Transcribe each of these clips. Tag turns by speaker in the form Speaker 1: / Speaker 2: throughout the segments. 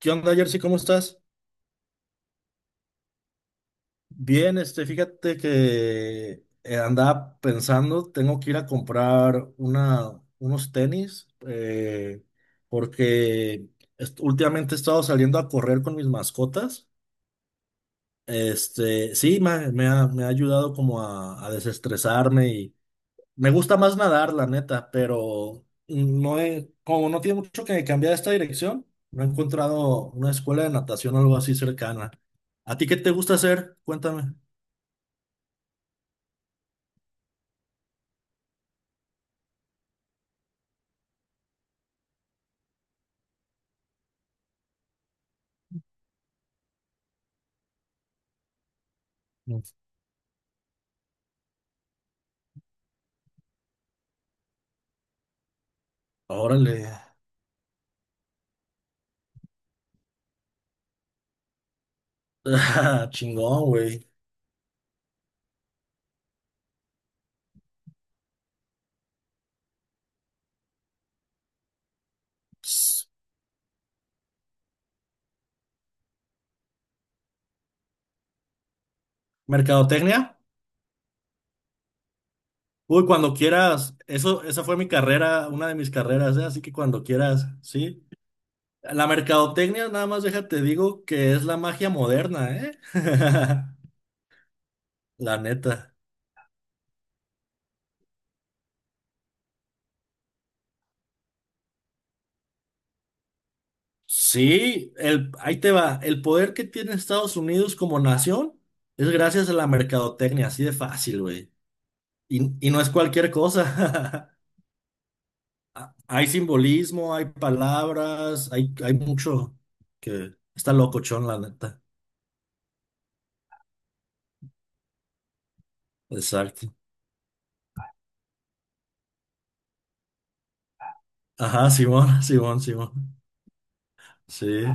Speaker 1: ¿Qué onda, Jersey? ¿Cómo estás? Bien, este, fíjate que andaba pensando, tengo que ir a comprar unos tenis, porque últimamente he estado saliendo a correr con mis mascotas. Este, sí, me ha ayudado como a desestresarme. Me gusta más nadar, la neta, pero como no tiene mucho que cambiar esta dirección, no he encontrado una escuela de natación o algo así cercana. ¿A ti qué te gusta hacer? Cuéntame. Mm. Órale. Chingón, güey. Ps, ¿Mercadotecnia? Uy, cuando quieras. Esa fue mi carrera, una de mis carreras, ¿eh? Así que cuando quieras, ¿sí? La mercadotecnia, nada más déjate digo que es la magia moderna, ¿eh? La neta. Sí, ahí te va. El poder que tiene Estados Unidos como nación es gracias a la mercadotecnia, así de fácil, güey. Y no es cualquier cosa. Ah, hay simbolismo, hay palabras, hay mucho que está locochón, la neta. Exacto. Ajá, Simón, Simón, Simón. Sí.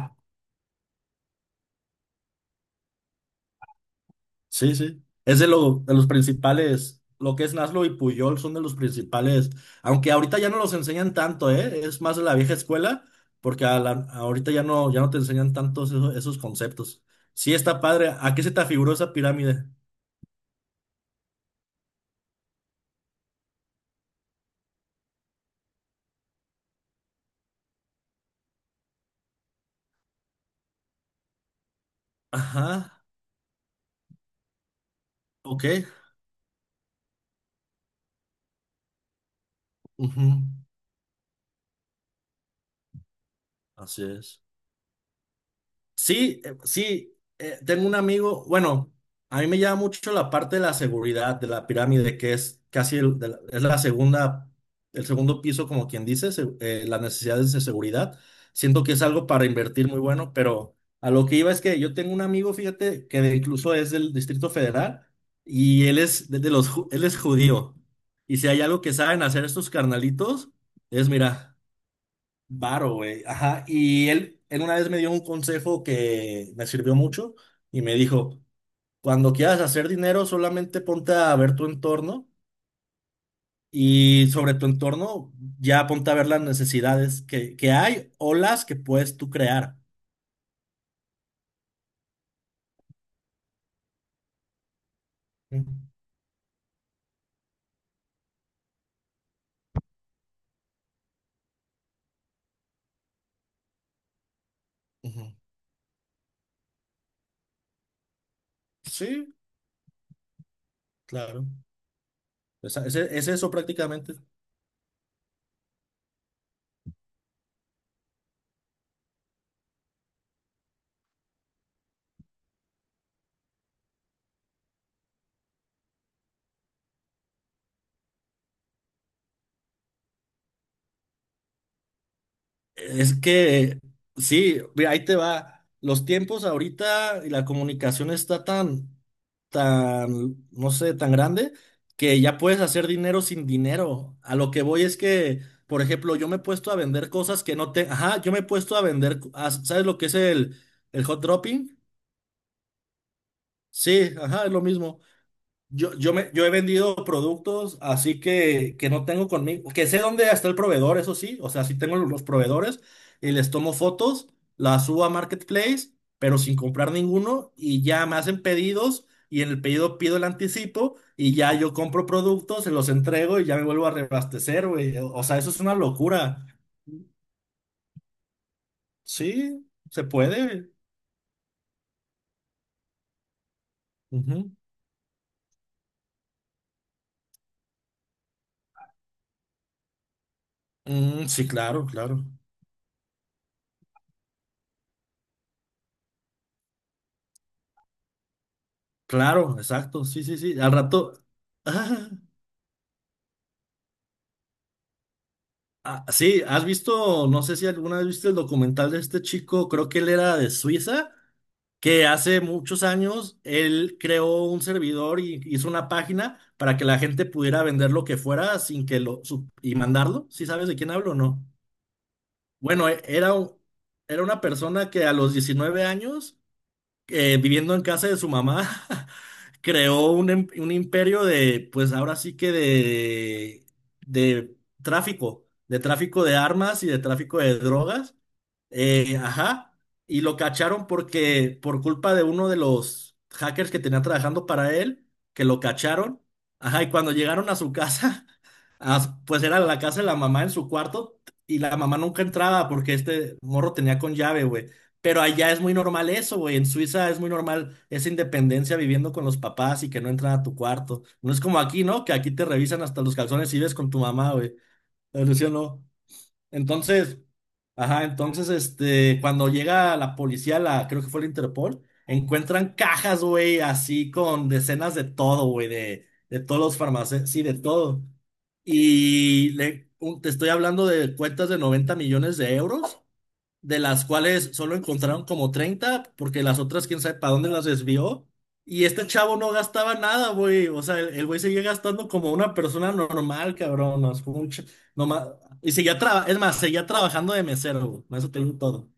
Speaker 1: Sí, sí. Es de los principales, lo que es Naslo y Puyol son de los principales, aunque ahorita ya no los enseñan tanto, ¿eh? Es más de la vieja escuela, porque ahorita ya no te enseñan esos conceptos. Sí, está padre. ¿A qué se te afiguró esa pirámide? Ajá, ok. Ujú, así es. Sí, sí, tengo un amigo, bueno, a mí me llama mucho la parte de la seguridad de la pirámide, que es casi es la segunda, el segundo piso, como quien dice, las necesidades de seguridad. Siento que es algo para invertir muy bueno, pero a lo que iba es que yo tengo un amigo, fíjate, que incluso es del Distrito Federal y él es de los, ju- él es judío. Y si hay algo que saben hacer estos carnalitos, es, mira. Varo, güey. Ajá. Y él una vez me dio un consejo que me sirvió mucho y me dijo, cuando quieras hacer dinero, solamente ponte a ver tu entorno y sobre tu entorno ya ponte a ver las necesidades que hay o las que puedes tú crear. Ujú. Ujú. Sí, claro. Es eso prácticamente. Es que sí, mira, ahí te va. Los tiempos ahorita y la comunicación está tan, tan, no sé, tan grande que ya puedes hacer dinero sin dinero. A lo que voy es que, por ejemplo, yo me he puesto a vender cosas que no te, ajá, yo me he puesto a vender, ¿sabes lo que es el hot dropping? Sí, ajá, es lo mismo. Yo he vendido productos así que, no tengo conmigo, que sé dónde está el proveedor, eso sí, o sea, sí tengo los proveedores y les tomo fotos, las subo a Marketplace, pero sin comprar ninguno y ya me hacen pedidos y en el pedido pido el anticipo y ya yo compro productos, se los entrego y ya me vuelvo a reabastecer, güey. O sea, eso es una locura. Sí, se puede. Ujú. Mm, sí, claro, claro. Claro, exacto, sí, sí, sí. Al rato. Ah, sí, has visto, no sé si alguna vez viste el documental de este chico, creo que él era de Suiza, que hace muchos años él creó un servidor y hizo una página para que la gente pudiera vender lo que fuera sin que lo su- y mandarlo. ¿Sí sabes de quién hablo o no? Bueno, era una persona que a los 19 años, viviendo en casa de su mamá, creó un imperio de, pues ahora sí que de de tráfico de armas y de tráfico de drogas. Ajá. Y lo cacharon porque, por culpa de uno de los hackers que tenía trabajando para él, que lo cacharon. Ajá, y cuando llegaron a su casa. Ah, pues era la casa de la mamá en su cuarto y la mamá nunca entraba porque este morro tenía con llave, güey. Pero allá es muy normal eso, güey. En Suiza es muy normal esa independencia viviendo con los papás y que no entran a tu cuarto. No es como aquí, ¿no? Que aquí te revisan hasta los calzones y ves con tu mamá, güey. Pero sí o no. Entonces, ajá, entonces, este, cuando llega la policía, la, creo que fue la Interpol, encuentran cajas, güey, así con decenas de todo, güey, de todos los farmacéuticos, sí, de todo. Te estoy hablando de cuentas de 90 millones de euros, de las cuales solo encontraron como 30, porque las otras quién sabe para dónde las desvió. Y este chavo no gastaba nada, güey. O sea, el güey seguía gastando como una persona normal, cabrón. No, es como un ch- no ma- y seguía es más, seguía trabajando de mesero, güey. Con eso te digo todo.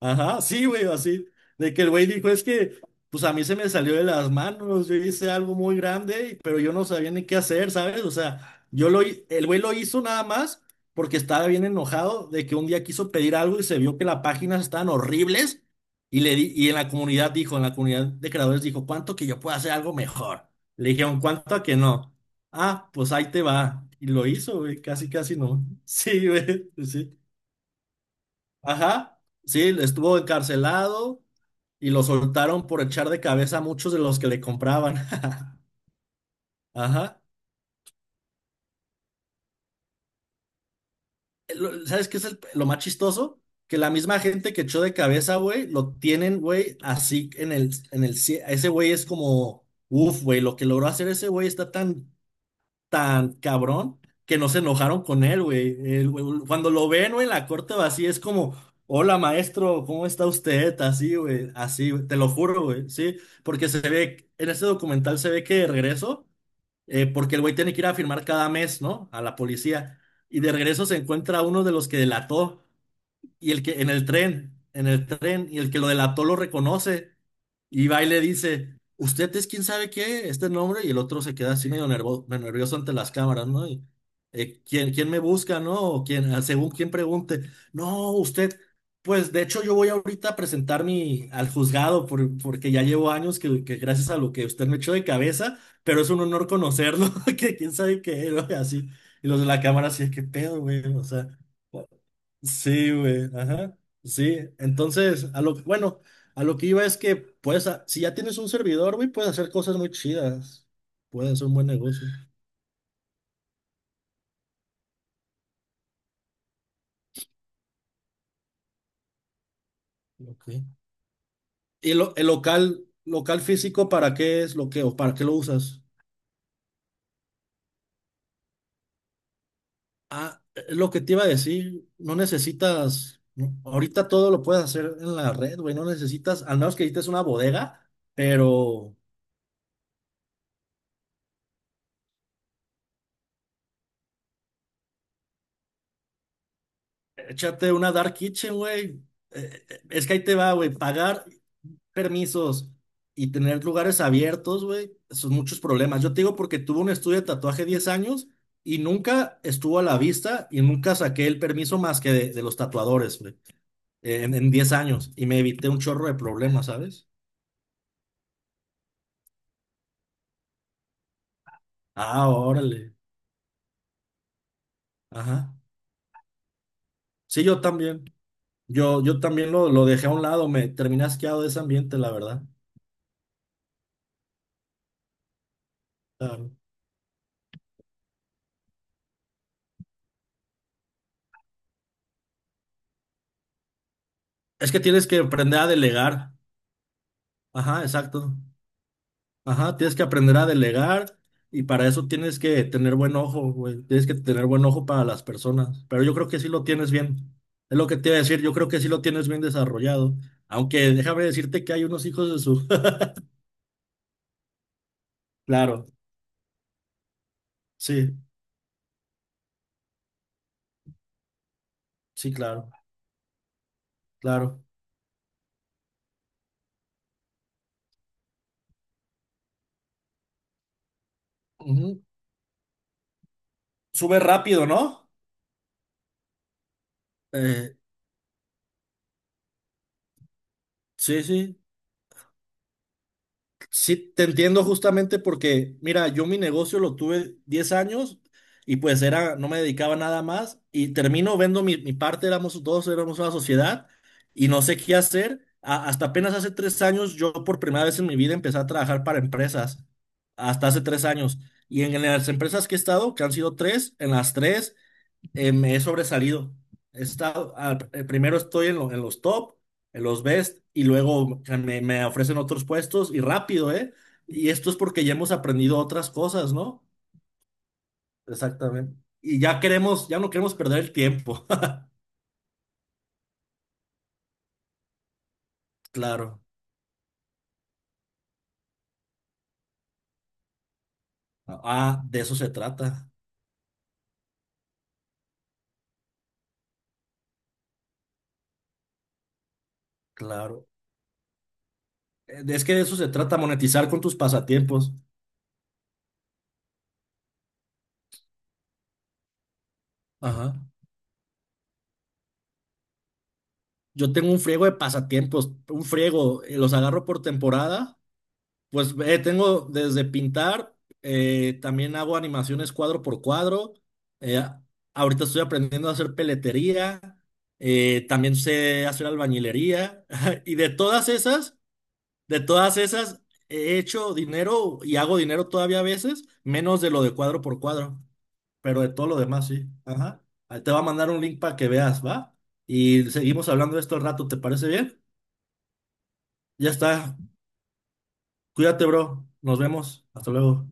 Speaker 1: Ajá, sí, güey, así. De que el güey dijo, es que, pues a mí se me salió de las manos, yo hice algo muy grande, pero yo no sabía ni qué hacer, ¿sabes? O sea, el güey lo hizo nada más porque estaba bien enojado de que un día quiso pedir algo y se vio que las páginas estaban horribles y y en la comunidad de creadores dijo, ¿cuánto que yo puedo hacer algo mejor? Le dijeron, ¿cuánto a que no? Ah, pues ahí te va. Y lo hizo, güey, casi, casi no. Sí, güey, sí. Ajá, sí, estuvo encarcelado y lo soltaron por echar de cabeza a muchos de los que le compraban. Ajá. ¿Sabes qué es lo más chistoso? Que la misma gente que echó de cabeza, güey, lo tienen, güey, así en el, ese güey es como, uf, güey, lo que logró hacer ese güey está tan tan cabrón que no se enojaron con él, güey. Cuando lo ven, güey, en la corte vacía es como, hola maestro, ¿cómo está usted? Así, güey, te lo juro, güey, sí, porque se ve, en este documental se ve que de regreso, porque el güey tiene que ir a firmar cada mes, ¿no? A la policía, y de regreso se encuentra a uno de los que delató y el que en el tren, y el que lo delató lo reconoce, y va y le dice, usted es quién sabe qué, este nombre, y el otro se queda así medio nervioso ante las cámaras, ¿no? Y, ¿quién me busca, no? O quién, ah, según quién pregunte, no, usted, pues de hecho yo voy ahorita a presentar mi, al juzgado, porque ya llevo años que gracias a lo que usted me echó de cabeza, pero es un honor conocerlo, que quién sabe qué, ¿no? Y así, y los de la cámara así, qué pedo, güey, o sea. Sí, güey, ajá, sí. Entonces, bueno, a lo que iba es que, si ya tienes un servidor, güey, puedes hacer cosas muy chidas. Pueden ser un buen negocio. Ok. ¿Y el local, local físico, para qué es lo que, o para qué lo usas? Ah, es lo que te iba a decir, no necesitas, ahorita todo lo puedes hacer en la red, güey, no necesitas, al menos que necesites una bodega, pero échate una dark kitchen, güey. Es que ahí te va, güey, pagar permisos y tener lugares abiertos, güey, son muchos problemas. Yo te digo porque tuve un estudio de tatuaje 10 años y nunca estuvo a la vista y nunca saqué el permiso más que de los tatuadores, güey, en 10 años y me evité un chorro de problemas, ¿sabes? Ah, órale. Ajá. Sí, yo también. Yo también lo dejé a un lado, me terminé asqueado de ese ambiente, la verdad. Claro. Es que tienes que aprender a delegar. Ajá, exacto. Ajá, tienes que aprender a delegar y para eso tienes que tener buen ojo, güey. Tienes que tener buen ojo para las personas. Pero yo creo que sí lo tienes bien. Es lo que te iba a decir, yo creo que sí lo tienes bien desarrollado. Aunque déjame decirte que hay unos hijos de su... Claro, sí, sí, claro, claro. Ujú. Sube rápido, ¿no? Eh, sí, sí. Sí, te entiendo justamente porque, mira, yo mi negocio lo tuve 10 años y pues era, no me dedicaba a nada más y termino vendo mi parte, éramos dos, éramos una sociedad y no sé qué hacer. Hasta apenas hace 3 años yo por primera vez en mi vida empecé a trabajar para empresas, hasta hace 3 años. Y en las empresas que he estado, que han sido tres, en las tres me he sobresalido. He estado, primero estoy en los top, en los best, y luego me ofrecen otros puestos y rápido, ¿eh? Y esto es porque ya hemos aprendido otras cosas, ¿no? Exactamente. Y ya no queremos perder el tiempo. Claro. Ah, de eso se trata. Claro. Es que de eso se trata, monetizar con tus pasatiempos. Ajá. Yo tengo un friego de pasatiempos, un friego, los agarro por temporada. Pues tengo desde pintar, también hago animaciones cuadro por cuadro. eh, ahorita estoy aprendiendo a hacer peletería, también sé hacer albañilería. Y de todas esas, de todas esas, he hecho dinero y hago dinero todavía a veces, menos de lo de cuadro por cuadro, pero de todo lo demás sí. Ajá. Ahí te va a mandar un link para que veas, ¿va? Y seguimos hablando de esto al rato, ¿te parece bien? Ya está. Cuídate, bro. Nos vemos. Hasta luego.